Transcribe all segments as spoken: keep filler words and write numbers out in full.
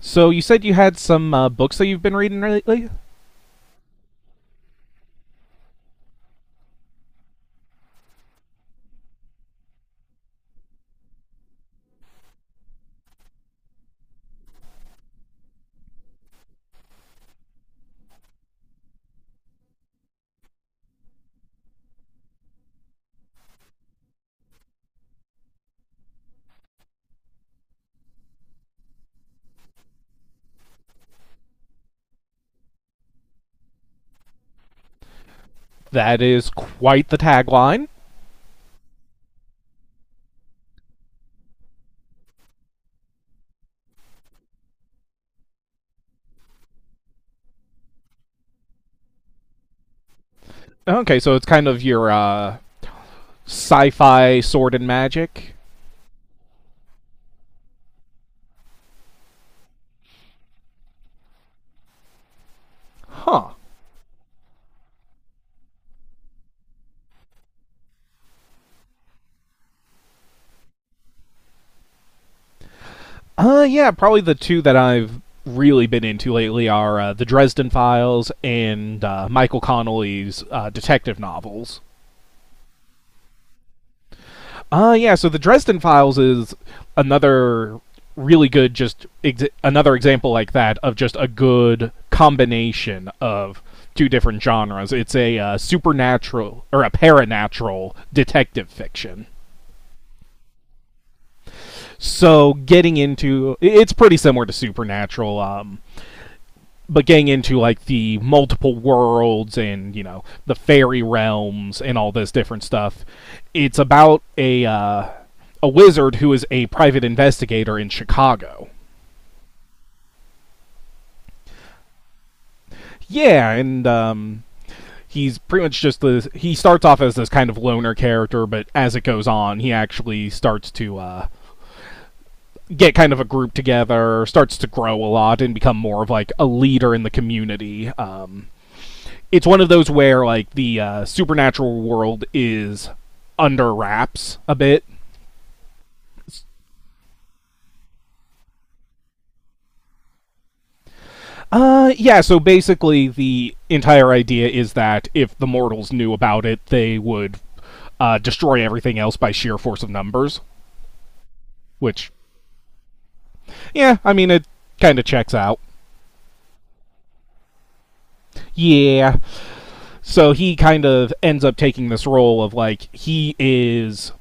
So you said you had some uh, books that you've been reading lately. That is quite the tagline. Okay, so it's kind of your uh, sci-fi sword and magic, huh? Uh, yeah, probably the two that I've really been into lately are uh, the Dresden Files and uh, Michael Connelly's uh, detective novels. Uh, yeah, so the Dresden Files is another really good, just ex- another example like that of just a good combination of two different genres. It's a uh, supernatural or a paranatural detective fiction. So getting into it's pretty similar to supernatural. Um, but getting into like the multiple worlds and you know the fairy realms and all this different stuff, it's about a uh, a wizard who is a private investigator in Chicago. Yeah. And um he's pretty much just this, he starts off as this kind of loner character, but as it goes on he actually starts to uh get kind of a group together, starts to grow a lot and become more of like a leader in the community. Um it's one of those where like the uh, supernatural world is under wraps a bit. Uh, yeah. So basically, the entire idea is that if the mortals knew about it, they would uh, destroy everything else by sheer force of numbers. Which, yeah, I mean, it kind of checks out. Yeah. So he kind of ends up taking this role of like he is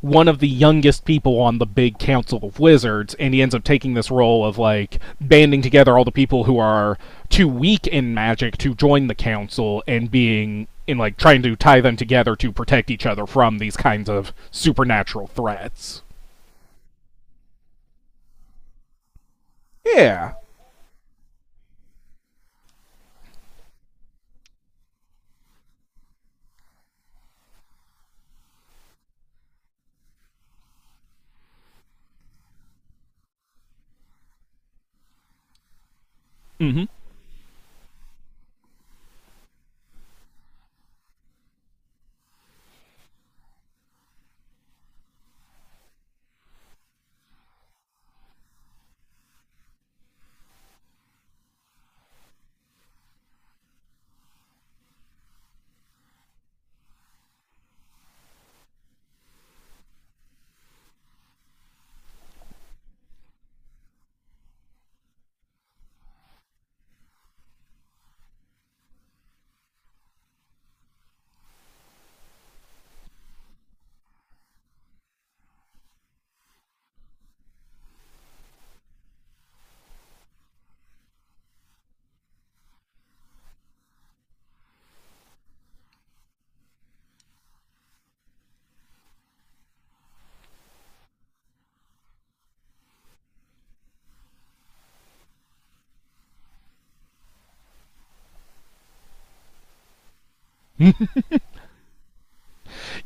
one of the youngest people on the big council of wizards, and he ends up taking this role of like banding together all the people who are too weak in magic to join the council, and being in like trying to tie them together to protect each other from these kinds of supernatural threats. Yeah. Hmm.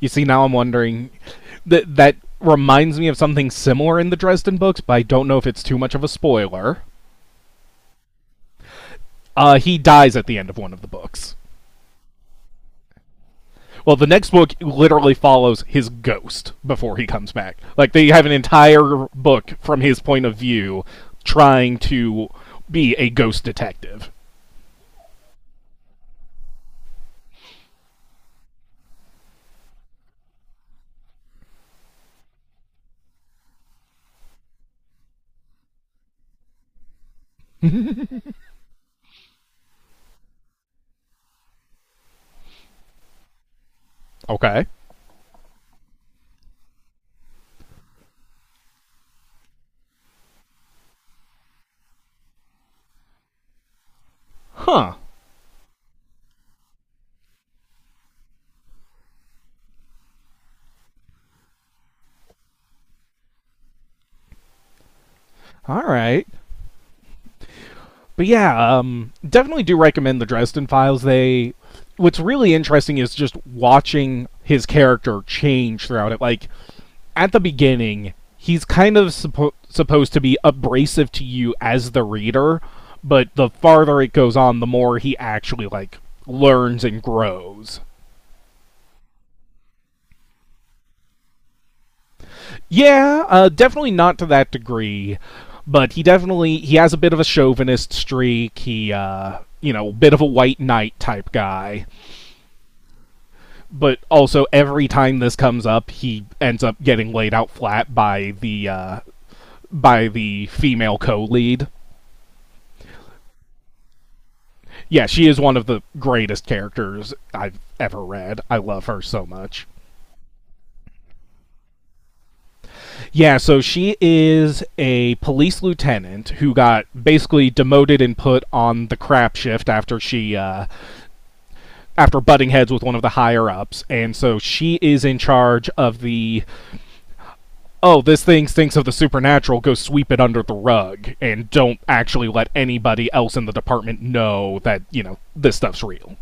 You see, now I'm wondering, that that reminds me of something similar in the Dresden books, but I don't know if it's too much of a spoiler. Uh, he dies at the end of one of the books. Well, the next book literally follows his ghost before he comes back. Like they have an entire book from his point of view trying to be a ghost detective. Okay. Huh. All right. But yeah, um definitely do recommend the Dresden Files. They, what's really interesting is just watching his character change throughout it. Like at the beginning, he's kind of suppo- supposed to be abrasive to you as the reader, but the farther it goes on, the more he actually like learns and grows. Yeah, uh, definitely not to that degree, but he definitely, he has a bit of a chauvinist streak. He, uh, you know, bit of a white knight type guy. But also, every time this comes up, he ends up getting laid out flat by the uh, by the female co-lead. Yeah, she is one of the greatest characters I've ever read. I love her so much. Yeah, so she is a police lieutenant who got basically demoted and put on the crap shift after she uh after butting heads with one of the higher ups. And so she is in charge of the, oh, this thing stinks of the supernatural, go sweep it under the rug and don't actually let anybody else in the department know that, you know, this stuff's real.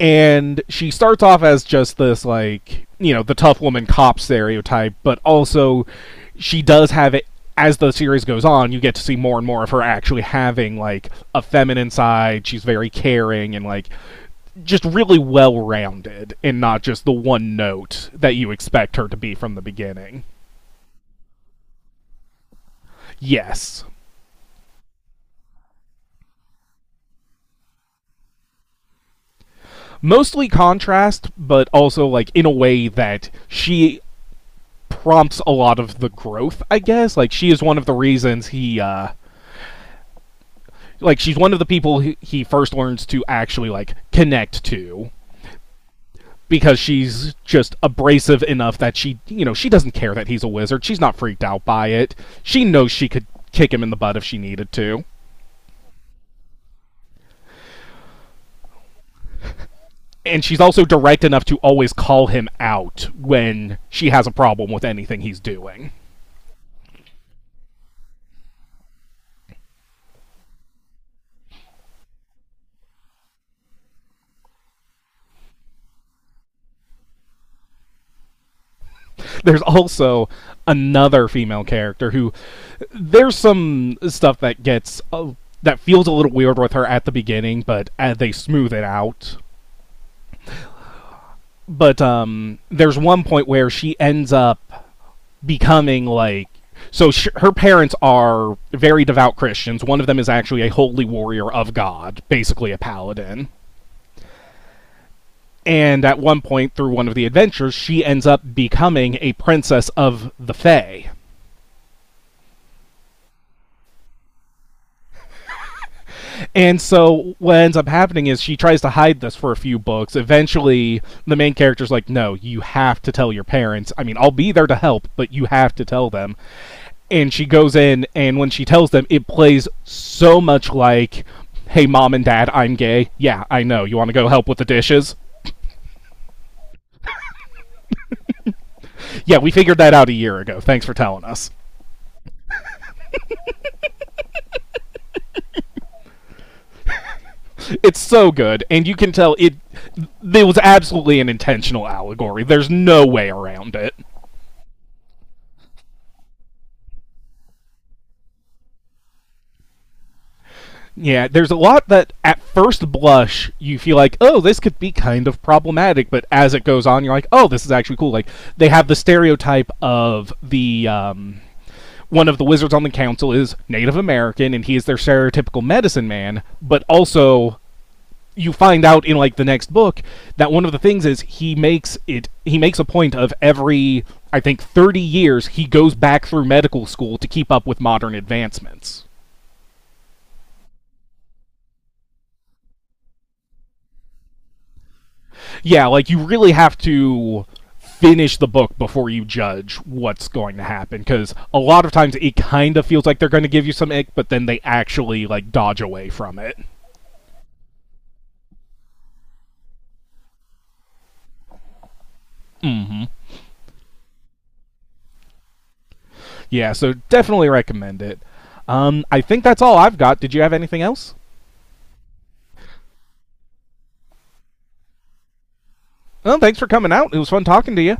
And she starts off as just this like you know the tough woman cop stereotype, but also she does have it, as the series goes on you get to see more and more of her actually having like a feminine side. She's very caring and like just really well rounded and not just the one note that you expect her to be from the beginning. Yes. Mostly contrast, but also like in a way that she prompts a lot of the growth, I guess. Like she is one of the reasons he, uh like she's one of the people he, he first learns to actually like connect to, because she's just abrasive enough that she, you know, she doesn't care that he's a wizard. She's not freaked out by it. She knows she could kick him in the butt if she needed to. And she's also direct enough to always call him out when she has a problem with anything he's doing. There's also another female character who, there's some stuff that gets uh, that feels a little weird with her at the beginning, but uh, they smooth it out. But um, there's one point where she ends up becoming like, so sh- her parents are very devout Christians. One of them is actually a holy warrior of God, basically a paladin. And at one point through one of the adventures, she ends up becoming a princess of the Fae. And so what ends up happening is she tries to hide this for a few books. Eventually, the main character's like, "No, you have to tell your parents. I mean, I'll be there to help, but you have to tell them." And she goes in, and when she tells them it plays so much like, "Hey mom and dad, I'm gay." "Yeah, I know. You want to go help with the dishes?" "Yeah, we figured that out a year ago, thanks for telling us." It's so good, and you can tell it, it was absolutely an intentional allegory. There's no way around it. Yeah, there's a lot that at first blush you feel like, oh, this could be kind of problematic, but as it goes on you're like, oh, this is actually cool. Like they have the stereotype of the, um one of the wizards on the council is Native American and he is their stereotypical medicine man, but also you find out in like the next book that one of the things is he makes it he makes a point of every, I think, thirty years he goes back through medical school to keep up with modern advancements. Yeah, like you really have to finish the book before you judge what's going to happen, because a lot of times it kind of feels like they're going to give you some ick but then they actually like dodge away from it. Yeah, so definitely recommend it. Um, I think that's all I've got. Did you have anything else? Well, thanks for coming out. It was fun talking to you.